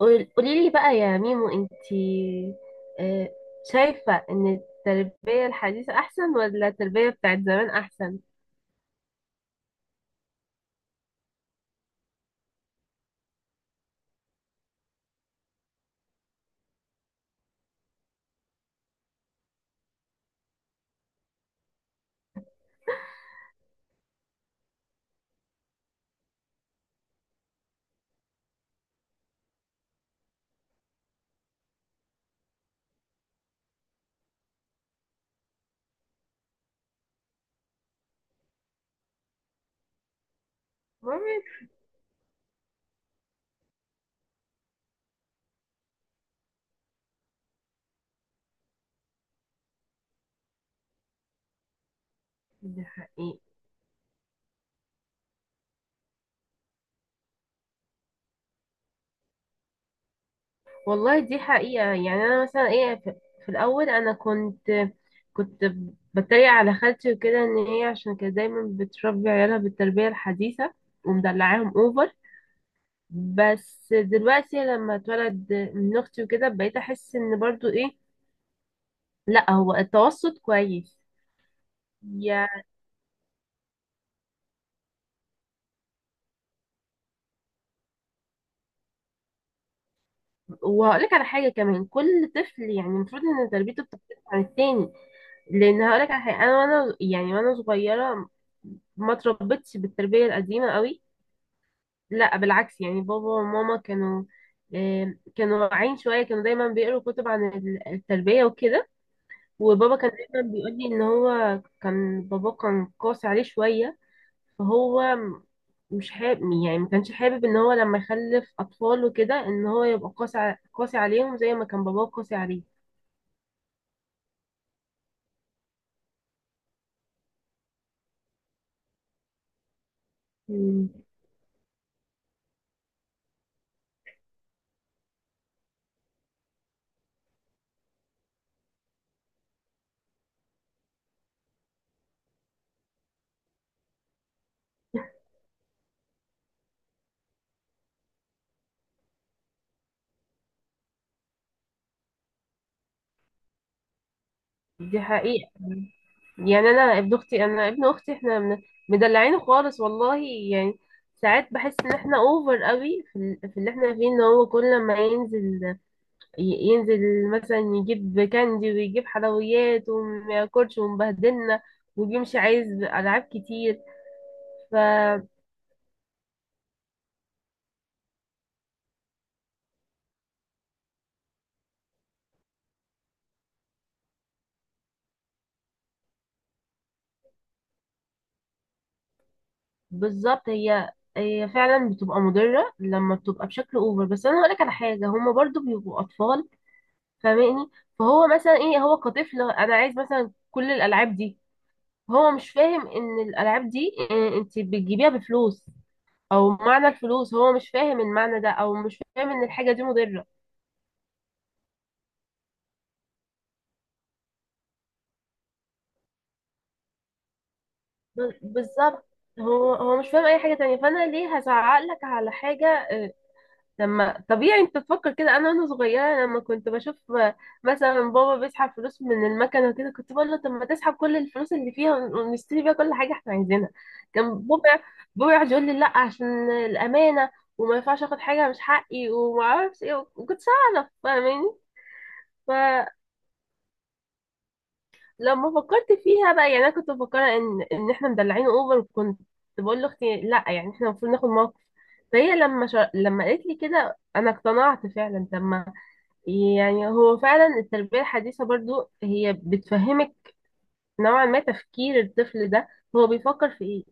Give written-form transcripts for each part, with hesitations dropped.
قولي لي بقى يا ميمو انتي، آه، شايفة ان التربية الحديثة احسن ولا التربية بتاعت زمان احسن؟ مامي. دي حقيقة. والله دي حقيقة، يعني انا مثلا ايه، في الاول انا كنت بتريق على خالتي وكده، ان هي عشان كانت دايما بتربي عيالها بالتربية الحديثة ومدلعاهم اوفر. بس دلوقتي لما اتولد من اختي وكده بقيت احس ان برضو ايه، لا هو التوسط كويس. وهقول لك على حاجه كمان، كل طفل يعني المفروض ان تربيته بتختلف عن التاني. لان هقول لك على حاجه، انا وانا يعني وانا صغيره ما اتربيتش بالتربيه القديمه قوي، لا بالعكس، يعني بابا وماما كانوا كانوا واعيين شويه، كانوا دايما بيقروا كتب عن التربيه وكده. وبابا كان دايما بيقول لي ان هو كان بابا كان قاسي عليه شويه، فهو م- مش حابب، يعني ما كانش حابب ان هو لما يخلف اطفال وكده ان هو يبقى قاسي عليهم زي ما كان باباه قاسي عليه. مم. دي حقيقة. يعني انا ابن اختي، انا ابن اختي، مدلعينه خالص والله. يعني ساعات بحس ان احنا اوفر قوي في في اللي احنا فيه، ان هو كل ما ينزل ينزل مثلا يجيب كاندي ويجيب حلويات وما ياكلش ومبهدلنا، وبيمشي عايز العاب كتير. بالظبط. هي فعلا بتبقى مضرة لما بتبقى بشكل اوفر، بس انا هقولك على حاجة، هما برضو بيبقوا اطفال، فاهماني؟ فهو مثلا ايه، هو كطفل انا عايز مثلا كل الالعاب دي، هو مش فاهم ان الالعاب دي انت بتجيبيها بفلوس، او معنى الفلوس هو مش فاهم المعنى ده، او مش فاهم ان الحاجة دي مضرة. بالظبط. هو مش فاهم اي حاجة تانية، فانا ليه هزعق لك على حاجة؟ لما طبيعي انت تفكر كده. انا وانا صغيره لما كنت بشوف مثلا بابا بيسحب فلوس من المكنه وكده، كنت بقول له طب ما تسحب كل الفلوس اللي فيها ونشتري بيها كل حاجه احنا عايزينها، كان بابا يقعد يقول لي لا، عشان الامانه، وما ينفعش اخد حاجه مش حقي وما اعرفش ايه، وكنت اعرف، فاهماني؟ فلما فكرت فيها بقى، يعني انا كنت مفكره ان احنا مدلعين اوفر، كنت بقول لاختي لا، يعني احنا المفروض ناخد موقف. فهي لما لما قالت لي كده انا اقتنعت فعلا، لما يعني هو فعلا التربية الحديثة برضو هي بتفهمك نوعا ما تفكير الطفل ده، هو بيفكر في ايه.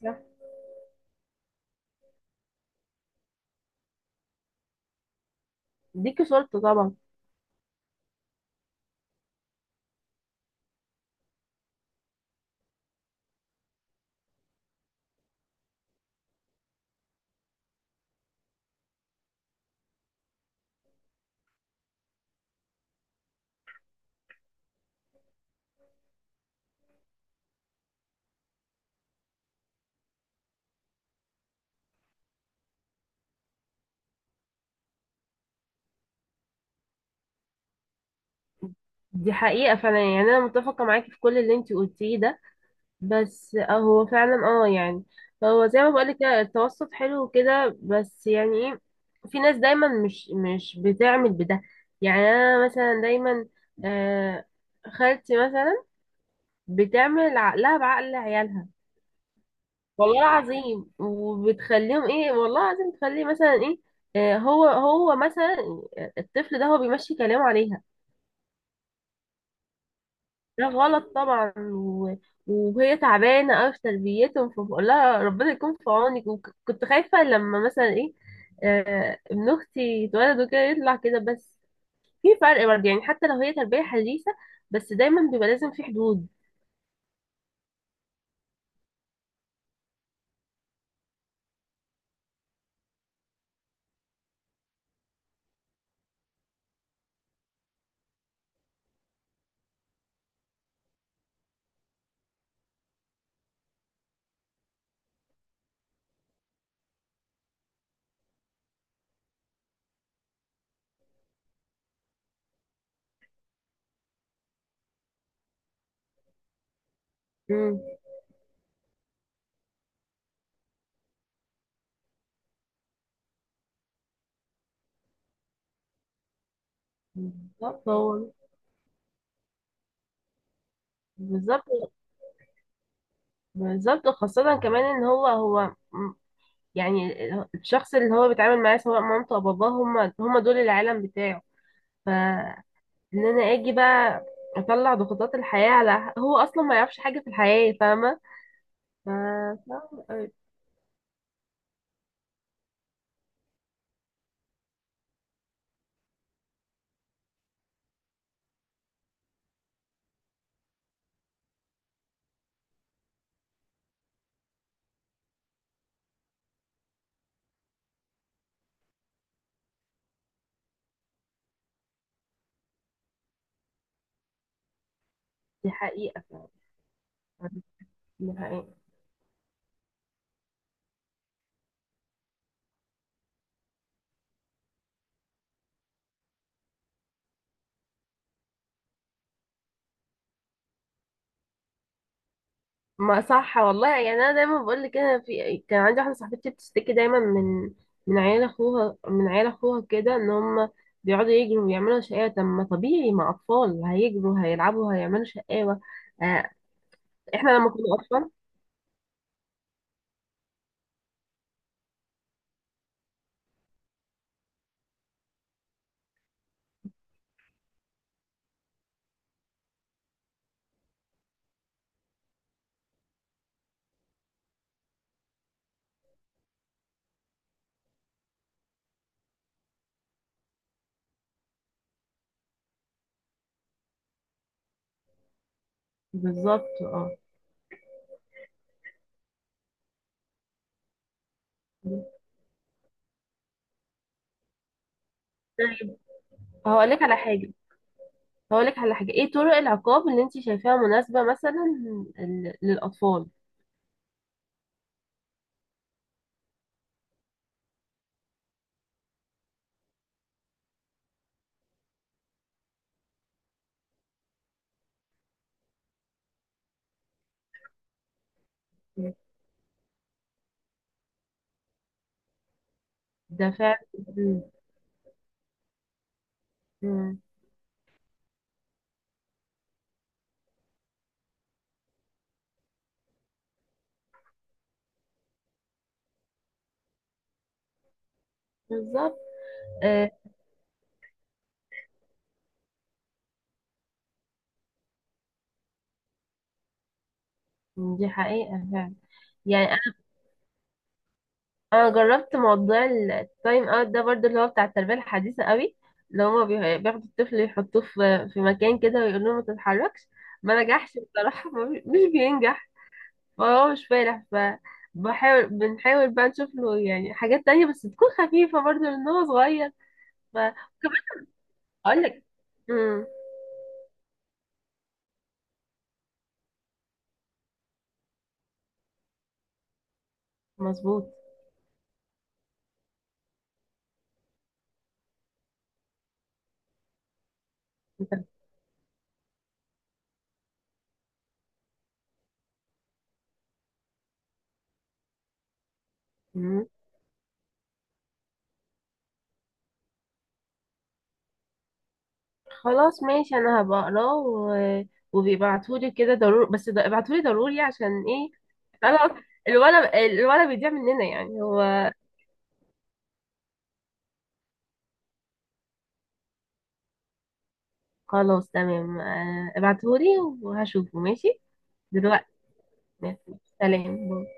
صح. ديكي صورته طبعا. دي حقيقة فعلا، يعني أنا متفقة معاكي في كل اللي انتي قلتيه ده، بس اه هو فعلا اه يعني هو زي ما بقولك كده التوسط حلو كده، بس يعني ايه، في ناس دايما مش بتعمل بده. يعني أنا مثلا دايما، آه، خالتي مثلا بتعمل عقلها بعقل عيالها، والله العظيم، وبتخليهم ايه، والله العظيم، تخليه مثلا ايه، هو مثلا الطفل ده هو بيمشي كلامه عليها. ده غلط طبعا، وهي تعبانه قوي في تربيتهم، فبقول لها ربنا يكون في عونك. وكنت خايفه لما مثلا ايه، ابن اختي يتولد وكده يطلع كده، بس في فرق برضه، يعني حتى لو هي تربيه حديثه بس دايما بيبقى لازم في حدود. مم. بالظبط هو. بالظبط بالظبط خاصة كمان ان هو يعني الشخص اللي هو بيتعامل معاه سواء مامته او باباه، هم دول العالم بتاعه. فان انا اجي بقى اطلع ضغوطات الحياة على هو اصلا ما يعرفش حاجة في الحياة، فاهمة؟ ف... صعب أوي. دي حقيقة فعلا. دي حقيقة. ما صح والله، يعني انا دايما بقول لك، انا في كان عندي واحدة صاحبتي بتشتكي دايما من عيال اخوها من عيال اخوها كده، ان هم بيقعدوا يجروا ويعملوا شقاوة. طب ما طبيعي مع اطفال هيجروا هيلعبوا هيعملوا شقاوة. آه، احنا لما كنا اطفال. بالظبط اه. طيب هقول لك على حاجة هقول لك على حاجة، ايه طرق العقاب اللي انت شايفاها مناسبة مثلا للأطفال؟ ده فعلا. مم. مم. بالظبط. آه، دي حقيقة فعلا. يعني أنا جربت موضوع التايم اوت ده برضو اللي هو بتاع التربية الحديثة قوي، اللي هما بياخدوا الطفل يحطوه في مكان كده ويقولوا له ما تتحركش. ما نجحش بصراحة، ما مش بينجح. ما هو مش فالح. بنحاول بقى نشوف له يعني حاجات تانية بس تكون خفيفة برضه لأن هو صغير. وكمان اقول لك. مم. مظبوط. انت. مم. خلاص ماشي انا هبقى اقراه. وبيبعتولي كده ضروري، بس ابعتولي ضروري عشان ايه. خلاص. الولد، الولد بيضيع مننا، يعني هو. خلاص تمام. ابعتهولي وهشوفه ماشي دلوقتي. ماشي. سلام.